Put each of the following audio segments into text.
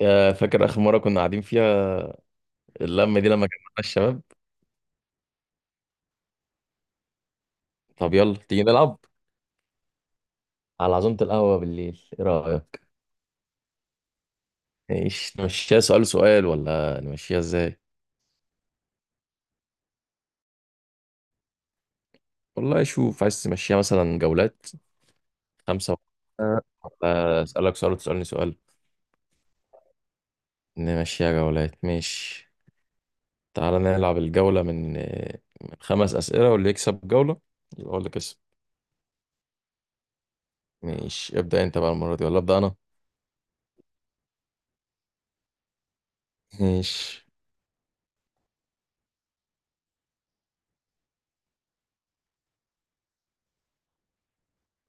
يا فاكر آخر مرة كنا قاعدين فيها، اللمة دي لما جمعنا الشباب. طب يلا تيجي نلعب على عزومة القهوة بالليل، ايه رأيك؟ ايش نمشيها سؤال سؤال ولا نمشيها ازاي؟ والله شوف، عايز تمشيها مثلا جولات خمسة، ولا أسألك سؤال وتسألني سؤال؟ نمشيها جولات، ماشي. تعالى نلعب الجولة من خمس أسئلة، واللي يكسب جولة يبقى هو اللي كسب. ماشي، ابدأ انت بقى المرة دي ولا أبدأ أنا؟ ماشي.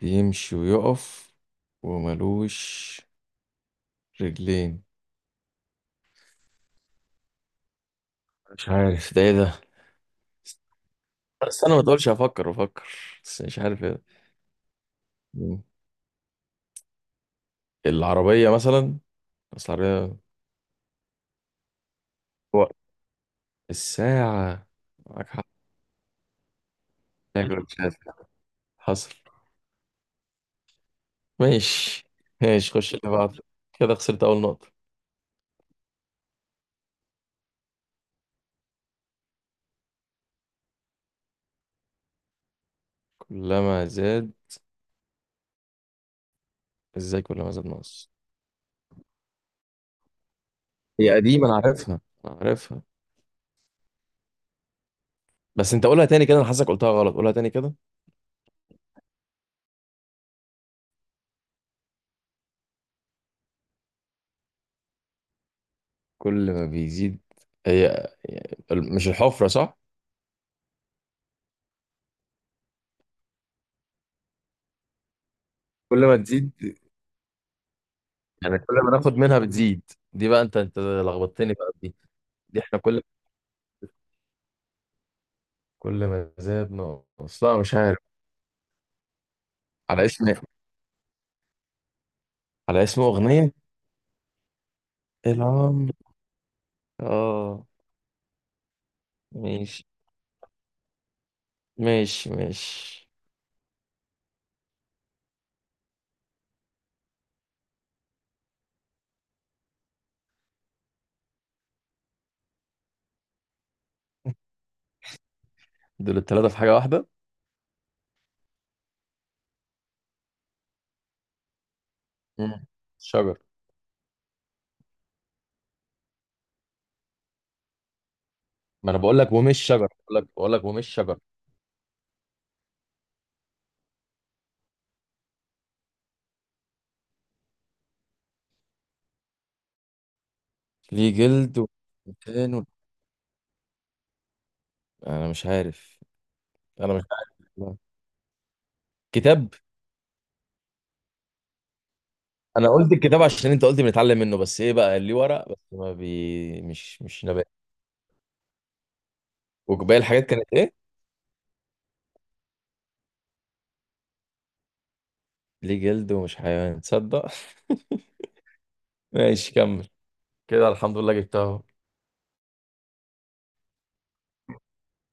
بيمشي ويقف وملوش رجلين. مش عارف ده، ايه ده؟ بس انا ما تقولش، افكر افكر، بس مش عارف ايه ده. مم. العربية مثلا، بس العربية. وقت. الساعة. معاك حق. تاكل، مش عارف. حصل. ماشي ماشي، خش اللي بعده. كده خسرت أول نقطة. كلما زاد، ازاي كلما زاد ناقص؟ هي قديمة، أنا عارفها أنا عارفها، بس أنت قولها تاني كده. أنا حاسسك قلتها غلط، قولها تاني كده. كل ما بيزيد، هي هي مش الحفرة صح؟ كل ما تزيد، يعني كل ما ناخد منها بتزيد. دي بقى انت لخبطتني بقى دي. دي احنا كل ما زاد نقص، لا مش عارف. على اسم على اسم اغنيه. العمر. اه. ماشي ماشي ماشي. دول التلاته في حاجه واحده. مم. شجر. ما انا بقول لك ومش شجر، بقول لك ومش شجر. ليه جلد ومكان. انا مش عارف انا مش عارف. لا. كتاب. انا قلت الكتاب عشان انت قلت بنتعلم منه، بس ايه بقى اللي ورق بس ما بي مش نبات؟ وباقي الحاجات كانت ايه؟ ليه جلد ومش حيوان، تصدق؟ ماشي كمل. كده الحمد لله جبتها اهو.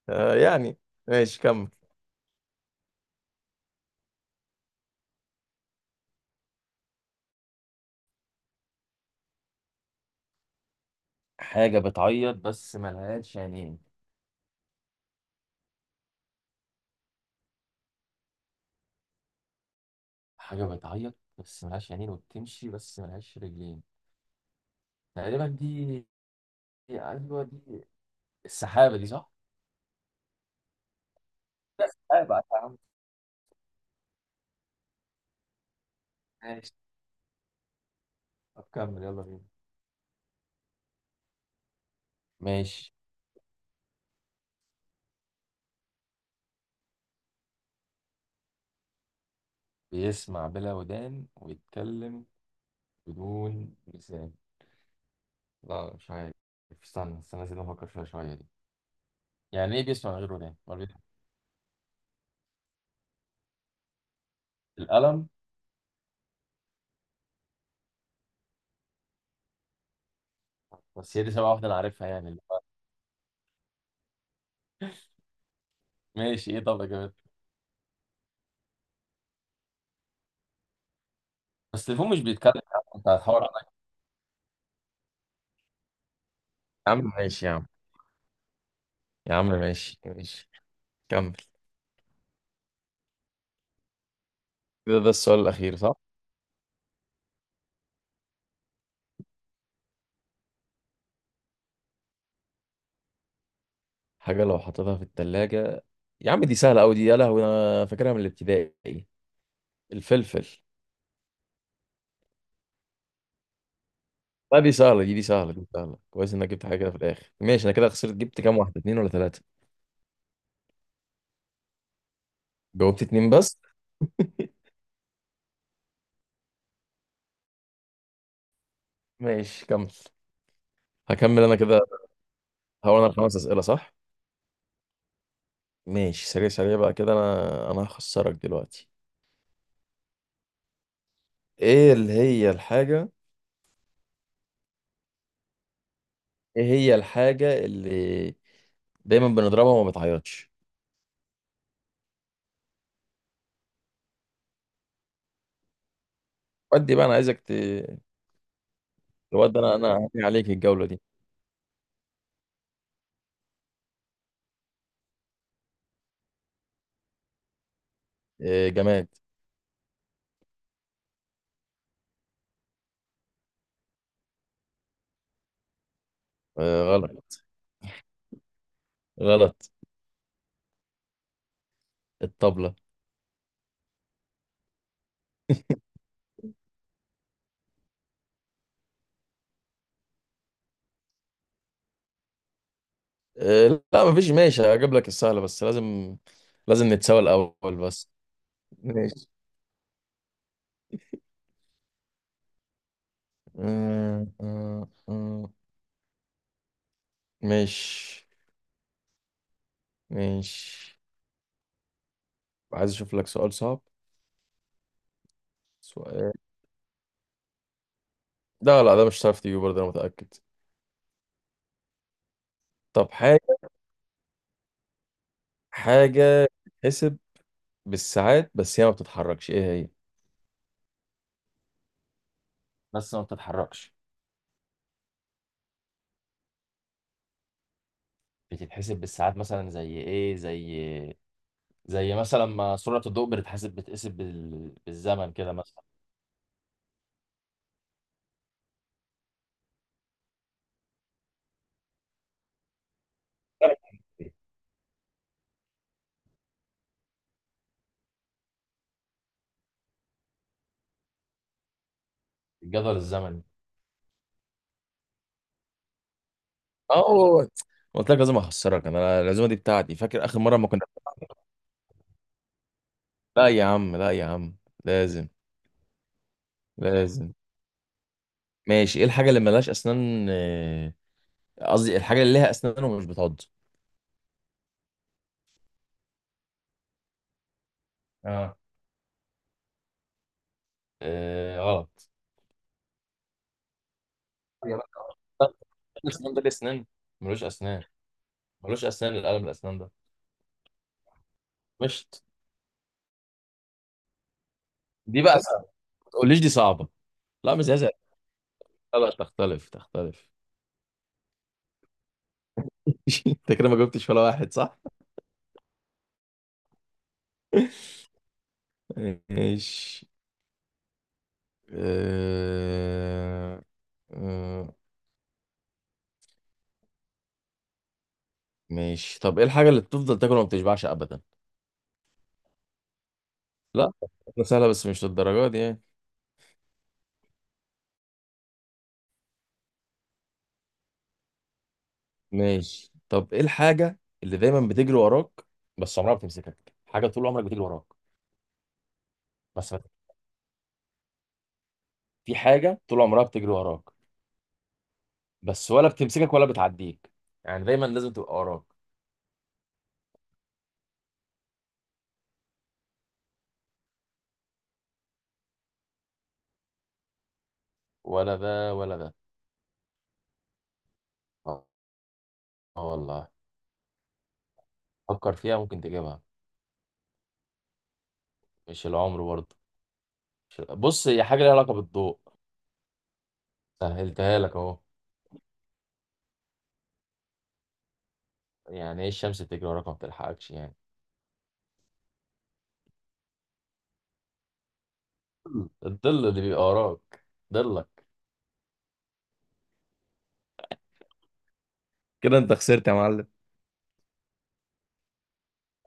آه يعني. ماشي كمل. حاجة بتعيط بس ملهاش عينين. حاجة بتعيط بس ملهاش عينين، وبتمشي بس ملهاش رجلين. تقريبا دي، أيوة دي، السحابة دي صح؟ لا السحابة يا عم. ماشي. طب كمل يلا بينا. ماشي. بيسمع بلا ودان ويتكلم بدون لسان. لا مش عارف. استنى استنى، لازم أفكر فيها شوية دي. يعني إيه بيسمع من غير ودان؟ ما بي- القلم. بس هي دي شبه واحدة أنا عارفها، يعني اللي هو. ماشي، إيه طب يا جماعة؟ بس التليفون مش بيتكلم يا عم، أنت هتحاور عليا. يا عم ماشي يا عم. يا عم ماشي ماشي. كمل. كده ده السؤال الأخير صح؟ حاجة لو حطيتها في التلاجة. يا عم دي سهلة أوي دي، يا لهوي أنا فاكرها من الابتدائي. الفلفل. لا دي سهلة، دي سهلة، دي سهلة. كويس إنك جبت حاجة كده في الآخر. ماشي أنا كده خسرت، جبت كام واحدة، اتنين ولا تلاتة؟ جاوبت اتنين بس. ماشي كمل. هكمل أنا كده. هو أنا الخمس أسئلة صح؟ ماشي سريع سريع بقى كده، أنا هخسرك دلوقتي. ايه اللي هي الحاجة، ايه هي الحاجة اللي دايما بنضربها وما بتعيطش؟ ودي بقى انا عايزك تودي انا هعمل عليك الجولة دي. إيه جماد. إيه غلط. غلط. الطبلة. إيه لا مفيش، ماشي هجيب لك السهلة، بس لازم، لازم نتساوى الأول بس. ماشي. آه، آه، آه. ماشي ماشي. عايز اشوف لك سؤال صعب. سؤال. لا لا، ده مش هتعرف تجيبه برضه، انا متأكد. طب حاجة، حاجة تتحسب بالساعات بس هي ما بتتحركش، ايه هي؟ بس ما بتتحركش. بتتحسب بالساعات، مثلا زي ايه؟ زي، زي مثلا ما سرعة الضوء بتتحسب بالزمن كده مثلا. الجدول الزمني. اه. قلت لك لازم اخسرك، انا العزومه دي بتاعتي، فاكر اخر مره ما كنا. لا يا عم لا يا عم. لازم. لازم. ماشي، ايه الحاجه اللي ملهاش اسنان، قصدي الحاجه اللي ليها اسنان ومش بتعض؟ اه. آه، غلط. يا بقى. الاسنان ده ليه اسنان؟ ملوش اسنان. ملوش اسنان، القلم الاسنان ده. مشت. دي بقى صعبة. ما تقوليش دي صعبه. لا مش زي. لا لا، تختلف تختلف. انت كده ما جبتش ولا واحد صح. ماشي. آه، آه، ماشي، طب ايه الحاجه اللي بتفضل تاكل وما بتشبعش ابدا؟ لا ده سهله بس مش للدرجه دي يعني. ماشي طب ايه الحاجه اللي دايما بتجري وراك بس عمرها ما بتمسكك؟ حاجه طول عمرك بتجري وراك. بس ما- في حاجه طول عمرها بتجري وراك، بس ولا بتمسكك ولا بتعديك، يعني دايما لازم تبقى وراك. ولا ده ولا ده. اه. آه والله، فكر فيها ممكن تجيبها. مش العمر برضه. بص، هي حاجة ليها علاقة بالضوء، سهلتها لك اهو. يعني ايه الشمس بتجري وراك ما بتلحقكش يعني؟ الظل اللي بيبقى وراك. ضلك. كده انت خسرت يا معلم.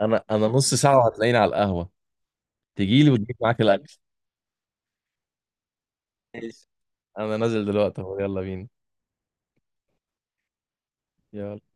انا نص ساعة وهتلاقيني على القهوة، تجيلي وتجيب معاك الاكل. ماشي. انا نازل دلوقتي اهو، يلا بينا. يلا.